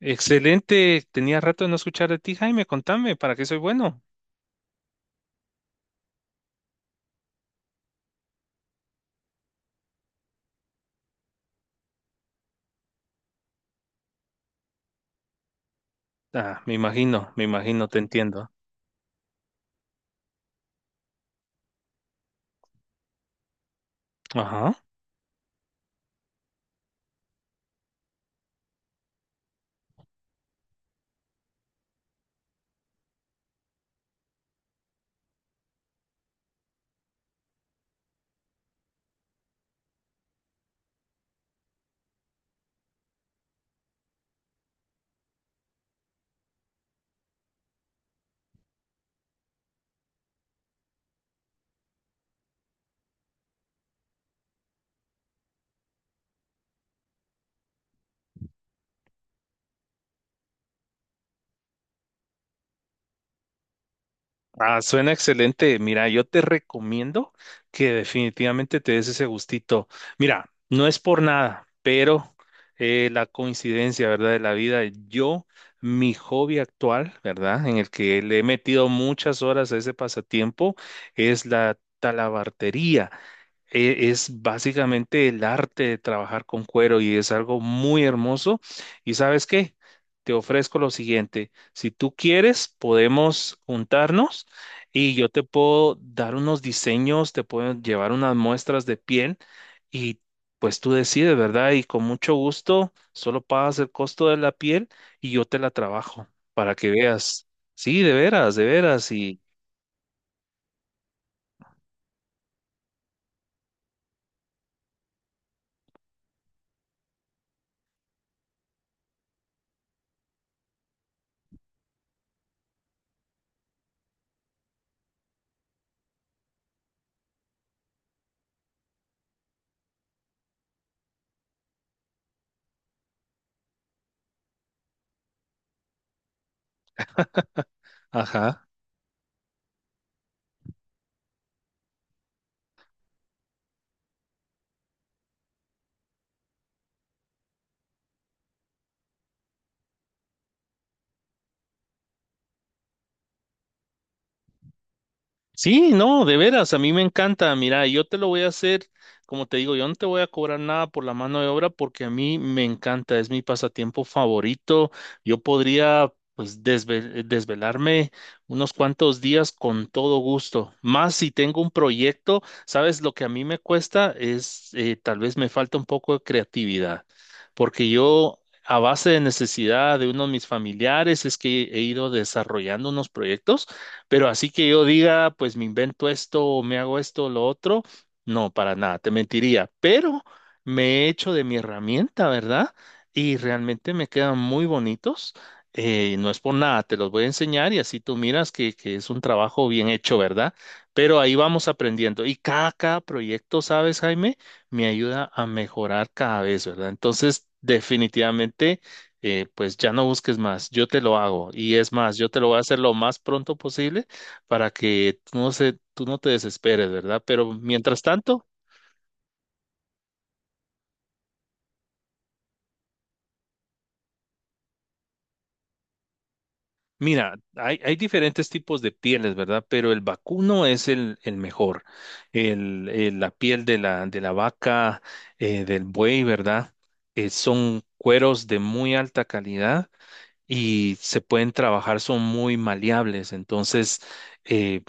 Excelente, tenía rato de no escuchar de ti, Jaime, contame, ¿para qué soy bueno? Ah, me imagino, te entiendo. Ajá. Ah, suena excelente. Mira, yo te recomiendo que definitivamente te des ese gustito. Mira, no es por nada, pero la coincidencia, ¿verdad? De la vida, yo, mi hobby actual, ¿verdad? En el que le he metido muchas horas a ese pasatiempo, es la talabartería. Es básicamente el arte de trabajar con cuero y es algo muy hermoso. ¿Y sabes qué? Te ofrezco lo siguiente. Si tú quieres, podemos juntarnos y yo te puedo dar unos diseños, te puedo llevar unas muestras de piel y pues tú decides, ¿verdad? Y con mucho gusto, solo pagas el costo de la piel y yo te la trabajo para que veas. Sí, de veras, de veras. Y, ajá. Sí, no, de veras, a mí me encanta. Mira, yo te lo voy a hacer, como te digo, yo no te voy a cobrar nada por la mano de obra porque a mí me encanta, es mi pasatiempo favorito. Yo podría, pues, desvelarme unos cuantos días con todo gusto. Más si tengo un proyecto, sabes, lo que a mí me cuesta es, tal vez me falta un poco de creatividad, porque yo... A base de necesidad de uno de mis familiares es que he ido desarrollando unos proyectos pero así que yo diga, pues me invento esto o me hago esto o lo otro, no, para nada, te mentiría. Pero me he hecho de mi herramienta, ¿verdad? Y realmente me quedan muy bonitos. No es por nada, te los voy a enseñar y así tú miras que es un trabajo bien hecho, ¿verdad? Pero ahí vamos aprendiendo. Y cada, cada proyecto, ¿sabes, Jaime? Me ayuda a mejorar cada vez, ¿verdad? Entonces, definitivamente pues ya no busques más, yo te lo hago. Y es más, yo te lo voy a hacer lo más pronto posible para que tú no te desesperes, ¿verdad? Pero mientras tanto, mira, hay diferentes tipos de pieles, ¿verdad? Pero el vacuno es el mejor. La piel de de la vaca, del buey, ¿verdad? Son cueros de muy alta calidad y se pueden trabajar, son muy maleables. Entonces, eh,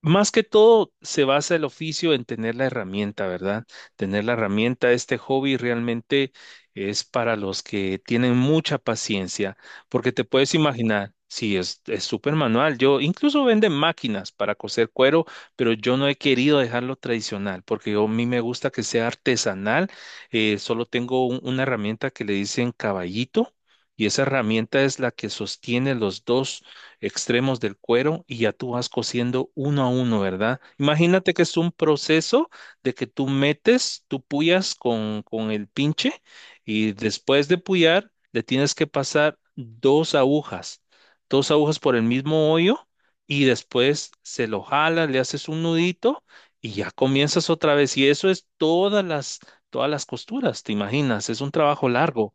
más que todo, se basa el oficio en tener la herramienta, ¿verdad? Tener la herramienta, este hobby realmente es para los que tienen mucha paciencia, porque te puedes imaginar, sí, es súper manual. Yo incluso venden máquinas para coser cuero, pero yo no he querido dejarlo tradicional, porque yo, a mí me gusta que sea artesanal. Solo tengo una herramienta que le dicen caballito. Y esa herramienta es la que sostiene los dos extremos del cuero y ya tú vas cosiendo uno a uno, ¿verdad? Imagínate que es un proceso de que tú metes, tú puyas con el pinche y después de puyar le tienes que pasar dos agujas por el mismo hoyo y después se lo jalas, le haces un nudito y ya comienzas otra vez. Y eso es todas las costuras, ¿te imaginas? Es un trabajo largo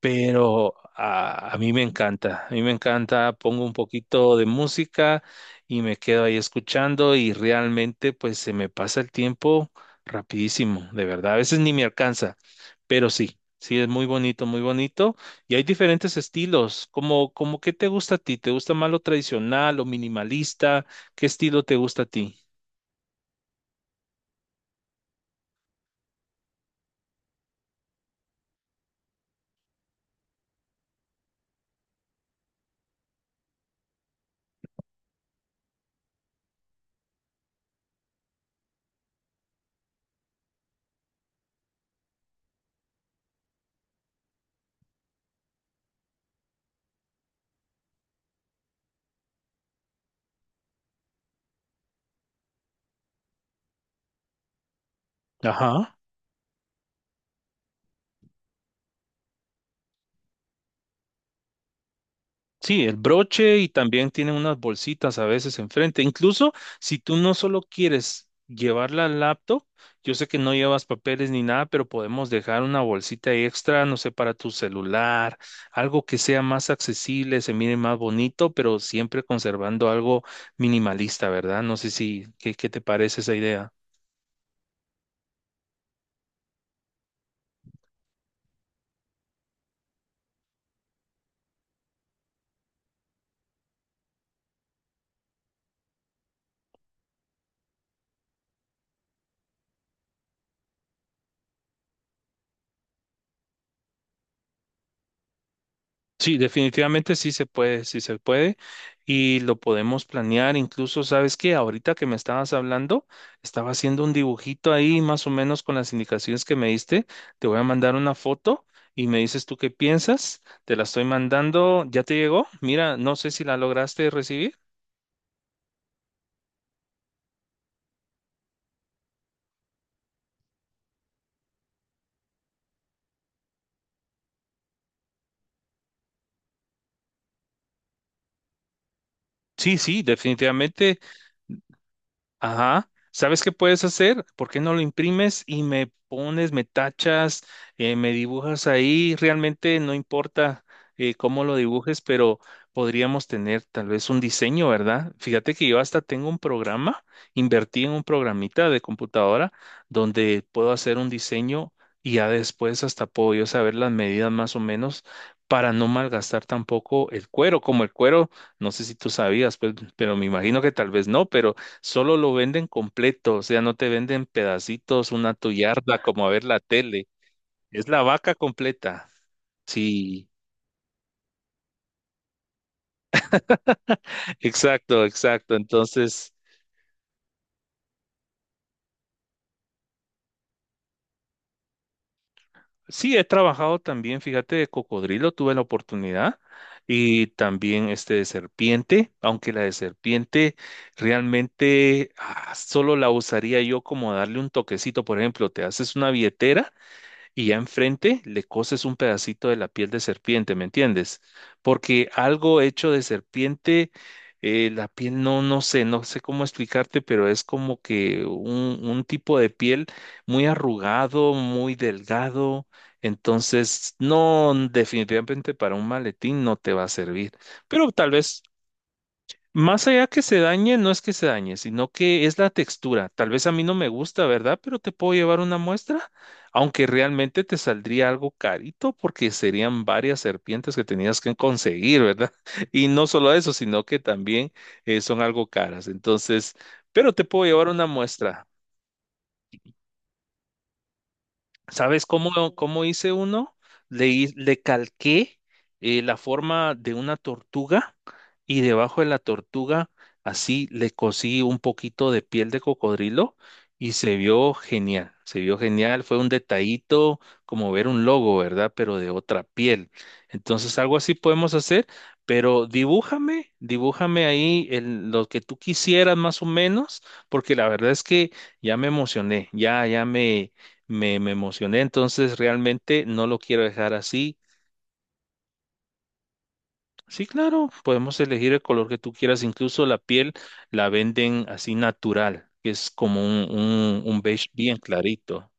pero a mí me encanta, a mí me encanta, pongo un poquito de música y me quedo ahí escuchando y realmente pues se me pasa el tiempo rapidísimo, de verdad, a veces ni me alcanza, pero sí, sí es muy bonito y hay diferentes estilos, como, como ¿qué te gusta a ti? ¿Te gusta más lo tradicional, lo minimalista? ¿Qué estilo te gusta a ti? Ajá. Sí, el broche y también tienen unas bolsitas a veces enfrente. Incluso si tú no solo quieres llevar la laptop, yo sé que no llevas papeles ni nada, pero podemos dejar una bolsita extra, no sé, para tu celular, algo que sea más accesible, se mire más bonito, pero siempre conservando algo minimalista, ¿verdad? No sé si, ¿qué, qué te parece esa idea? Sí, definitivamente sí se puede y lo podemos planear. Incluso, ¿sabes qué? Ahorita que me estabas hablando, estaba haciendo un dibujito ahí más o menos con las indicaciones que me diste. Te voy a mandar una foto y me dices tú qué piensas. Te la estoy mandando. ¿Ya te llegó? Mira, no sé si la lograste recibir. Sí, sí, definitivamente. Ajá. ¿Sabes qué puedes hacer? ¿Por qué no lo imprimes y me pones, me tachas, me dibujas ahí? Realmente no importa cómo lo dibujes, pero podríamos tener tal vez un diseño, ¿verdad? Fíjate que yo hasta tengo un programa, invertí en un programita de computadora donde puedo hacer un diseño y ya después hasta puedo yo saber las medidas más o menos para no malgastar tampoco el cuero, como el cuero, no sé si tú sabías, pues, pero me imagino que tal vez no, pero solo lo venden completo, o sea, no te venden pedacitos, una tuyarda como a ver la tele. Es la vaca completa. Sí, exacto, exacto. Entonces, sí, he trabajado también, fíjate, de cocodrilo, tuve la oportunidad, y también este de serpiente, aunque la de serpiente realmente solo la usaría yo como darle un toquecito. Por ejemplo, te haces una billetera y ya enfrente le coces un pedacito de la piel de serpiente, ¿me entiendes? Porque algo hecho de serpiente, la piel no, no sé, no sé cómo explicarte, pero es como que un tipo de piel muy arrugado, muy delgado. Entonces, no, definitivamente para un maletín no te va a servir, pero tal vez más allá que se dañe, no es que se dañe, sino que es la textura. Tal vez a mí no me gusta, ¿verdad? Pero te puedo llevar una muestra, aunque realmente te saldría algo carito porque serían varias serpientes que tenías que conseguir, ¿verdad? Y no solo eso, sino que también son algo caras. Entonces, pero te puedo llevar una muestra. ¿Sabes cómo, cómo hice uno? Le calqué la forma de una tortuga y debajo de la tortuga así le cosí un poquito de piel de cocodrilo y se vio genial, fue un detallito como ver un logo, ¿verdad? Pero de otra piel. Entonces algo así podemos hacer, pero dibújame, dibújame ahí lo que tú quisieras más o menos, porque la verdad es que ya me emocioné, ya, ya me me emocioné, entonces realmente no lo quiero dejar así. Sí, claro, podemos elegir el color que tú quieras, incluso la piel la venden así natural, que es como un beige bien clarito.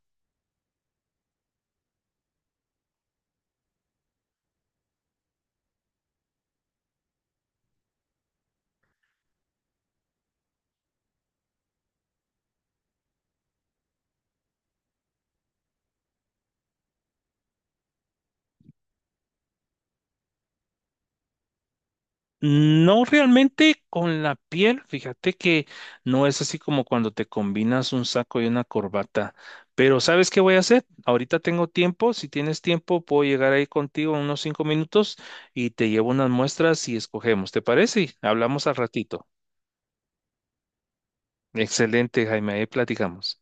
No realmente con la piel, fíjate que no es así como cuando te combinas un saco y una corbata. Pero ¿sabes qué voy a hacer? Ahorita tengo tiempo, si tienes tiempo puedo llegar ahí contigo en unos 5 minutos y te llevo unas muestras y escogemos, ¿te parece? Hablamos al ratito. Excelente, Jaime, ahí platicamos.